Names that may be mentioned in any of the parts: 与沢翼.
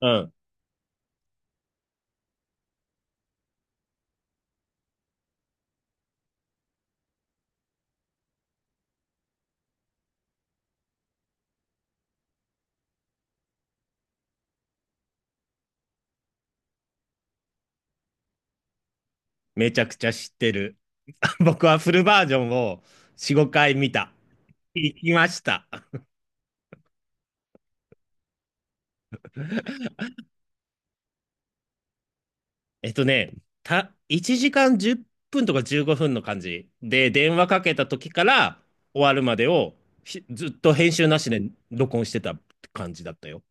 うん。めちゃくちゃ知ってる。僕はフルバージョンを4、5回見た。行きました。えっとね、1時間10分とか15分の感じで、電話かけた時から終わるまでをひずっと編集なしで録音してた感じだったよ。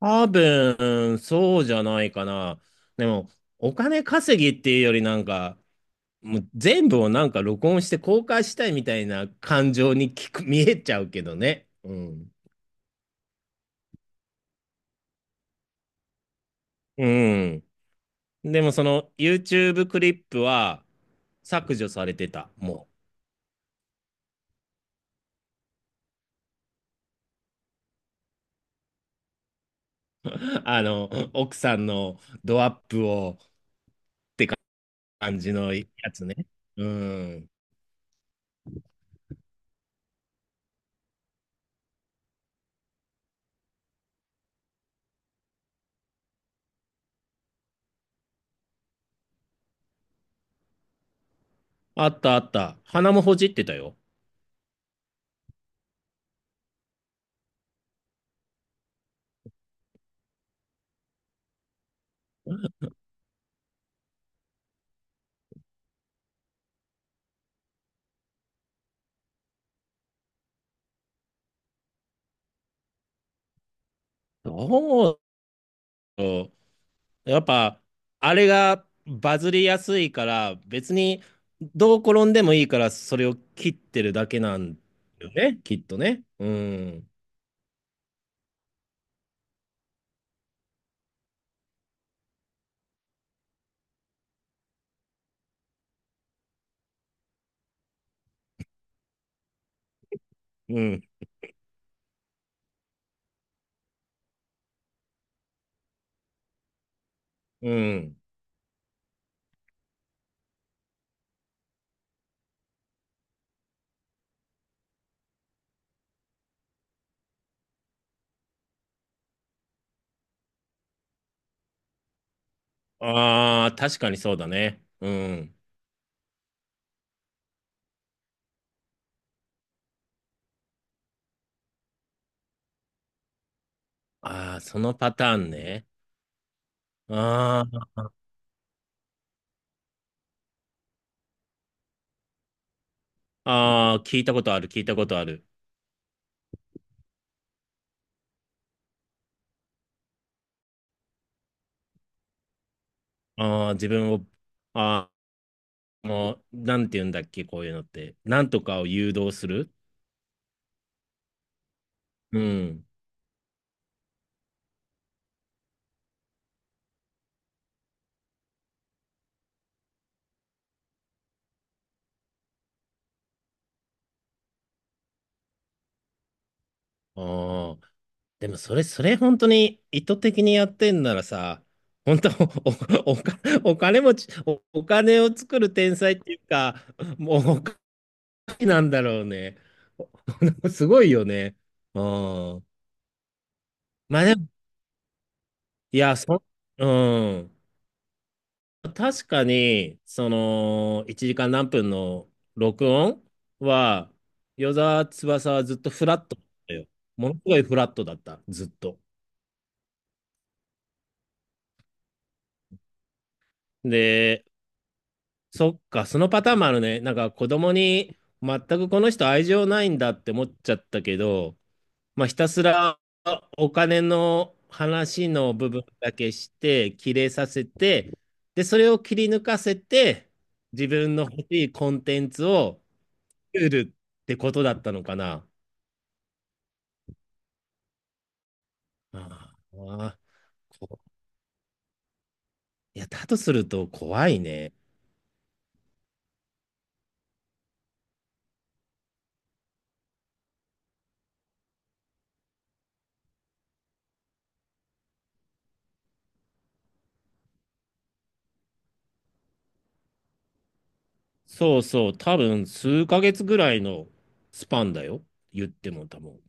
多分、そうじゃないかな。でも、お金稼ぎっていうよりなんか、もう全部をなんか録音して公開したいみたいな感情に見えちゃうけどね。うん。うん。でもその YouTube クリップは削除されてた、もう。あの、奥さんのドアップを感じのやつね。うん。あったあった。鼻もほじってたよ。どうだろうやっぱ、あれがバズりやすいから、別にどう転んでもいいから、それを切ってるだけなんだよね、きっとね。うん。うん。うん。ああ、確かにそうだね。うん。ああ、そのパターンね。あーあー、聞いたことある、聞いたことある。ああ、自分を、ああ、もう、なんて言うんだっけ、こういうのって。なんとかを誘導する。うん。ああ、でもそれ本当に意図的にやってんならさ、本当、お、お、おお金持ち、お金を作る天才っていうか、もうお金なんだろうね。すごいよね。うん。まあでも、いや、うん。確かに、その、1時間何分の録音は、与沢翼はずっとフラットだったよ。ものすごいフラットだった、ずっと。で、そっか、そのパターンもあるね。なんか子供に全くこの人愛情ないんだって思っちゃったけど、まあ、ひたすらお金の話の部分だけして、切れさせて、で、それを切り抜かせて、自分の欲しいコンテンツを、ルールってことだったのかな。ああ、こいや、だとすると怖いね。そうそう、多分数ヶ月ぐらいのスパンだよ。言っても多分。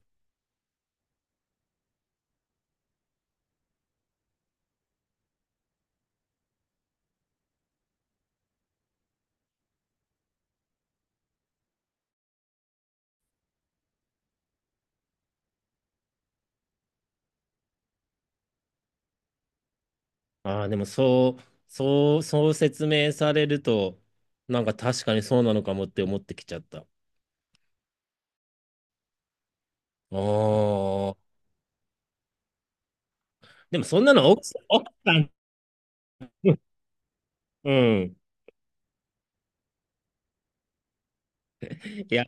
ああ、でもそう、そう、そう説明されると、なんか確かにそうなのかもって思ってきちゃった。ああ、でもそんなの奥さん、うん。いや、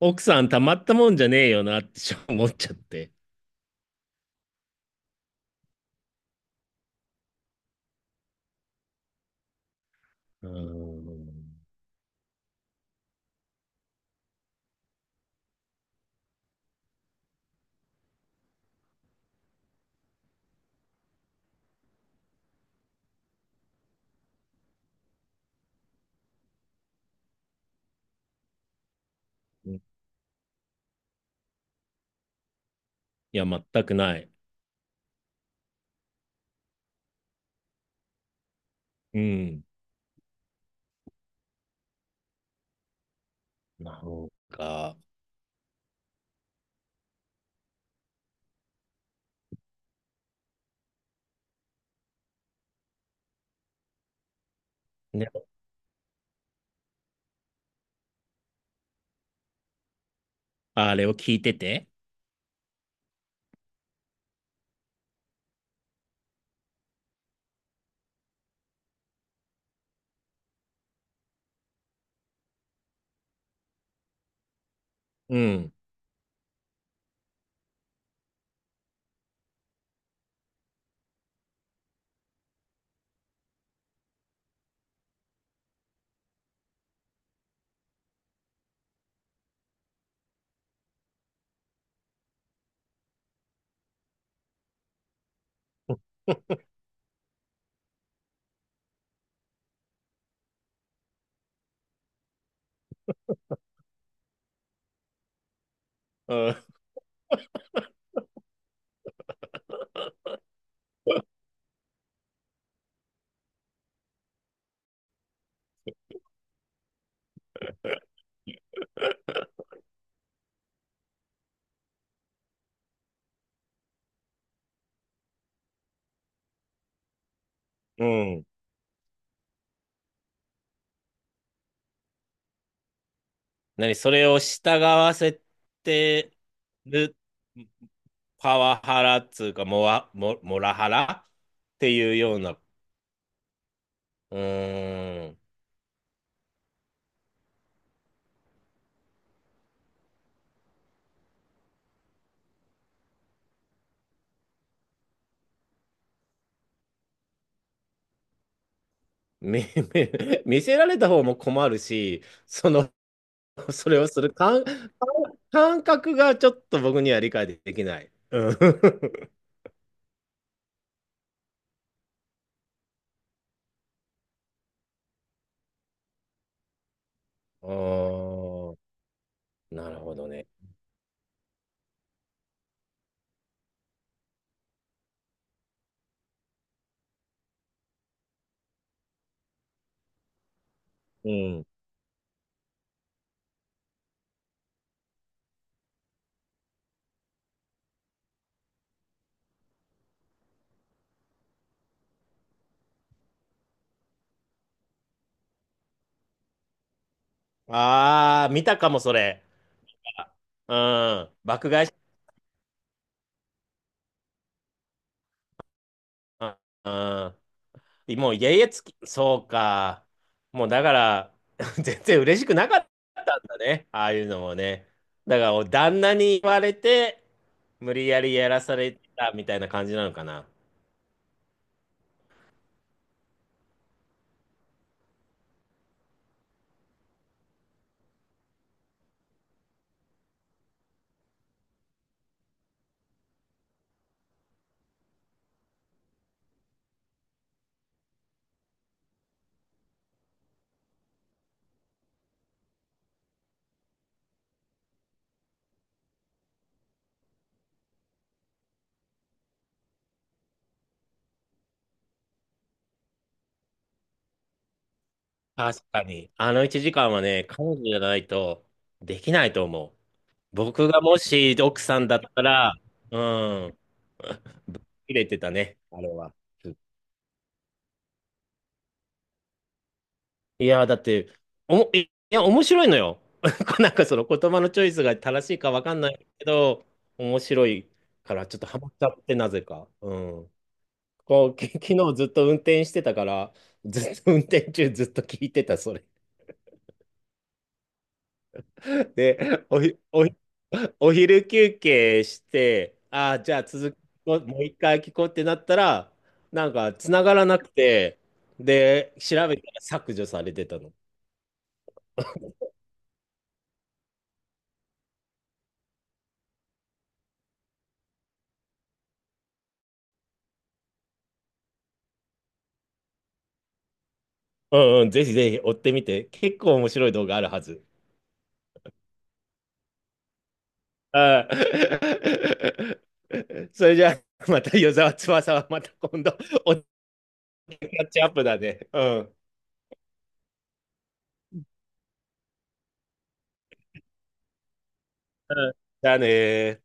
奥さんたまったもんじゃねえよなって思っちゃって。うん。いや、全くない。うん。なんか、ね、あれを聞いてて、うん、うん、うん。何、それを従わせてるパワハラっつうか、モワ、モ、モラハラっていうような、うーん、見、見見せられた方も困るし、その、それをする感感覚がちょっと僕には理解できない。うん。あーなるほどね。うん。ああ、見たかも、それ。うん。爆買いし、うん。うん。もう家々つき、そうか。もうだから、全然嬉しくなかったんだね。ああいうのもね。だから、旦那に言われて、無理やりやらされたみたいな感じなのかな。確かに。あの1時間はね、彼女じゃないとできないと思う。僕がもし奥さんだったら、うん。ぶっ切れてたね、あれは。いやー、だって、いいや、面白いのよ。なんかその言葉のチョイスが正しいかわかんないけど、面白いからちょっとハマっちゃって、なぜか。うん。こう、昨日ずっと運転してたから、ずっと運転中ずっと聞いてた、それ。で、お昼休憩して、ああ、じゃあ続き、もう一回聞こうってなったら、なんか繋がらなくて、で、調べたら削除されてたの。うんうん、ぜひぜひ追ってみて。結構面白い動画あるはず。あー それじゃあ、また与沢翼はまた今度、おキャッチアップだね。うん。うん。じゃあねー。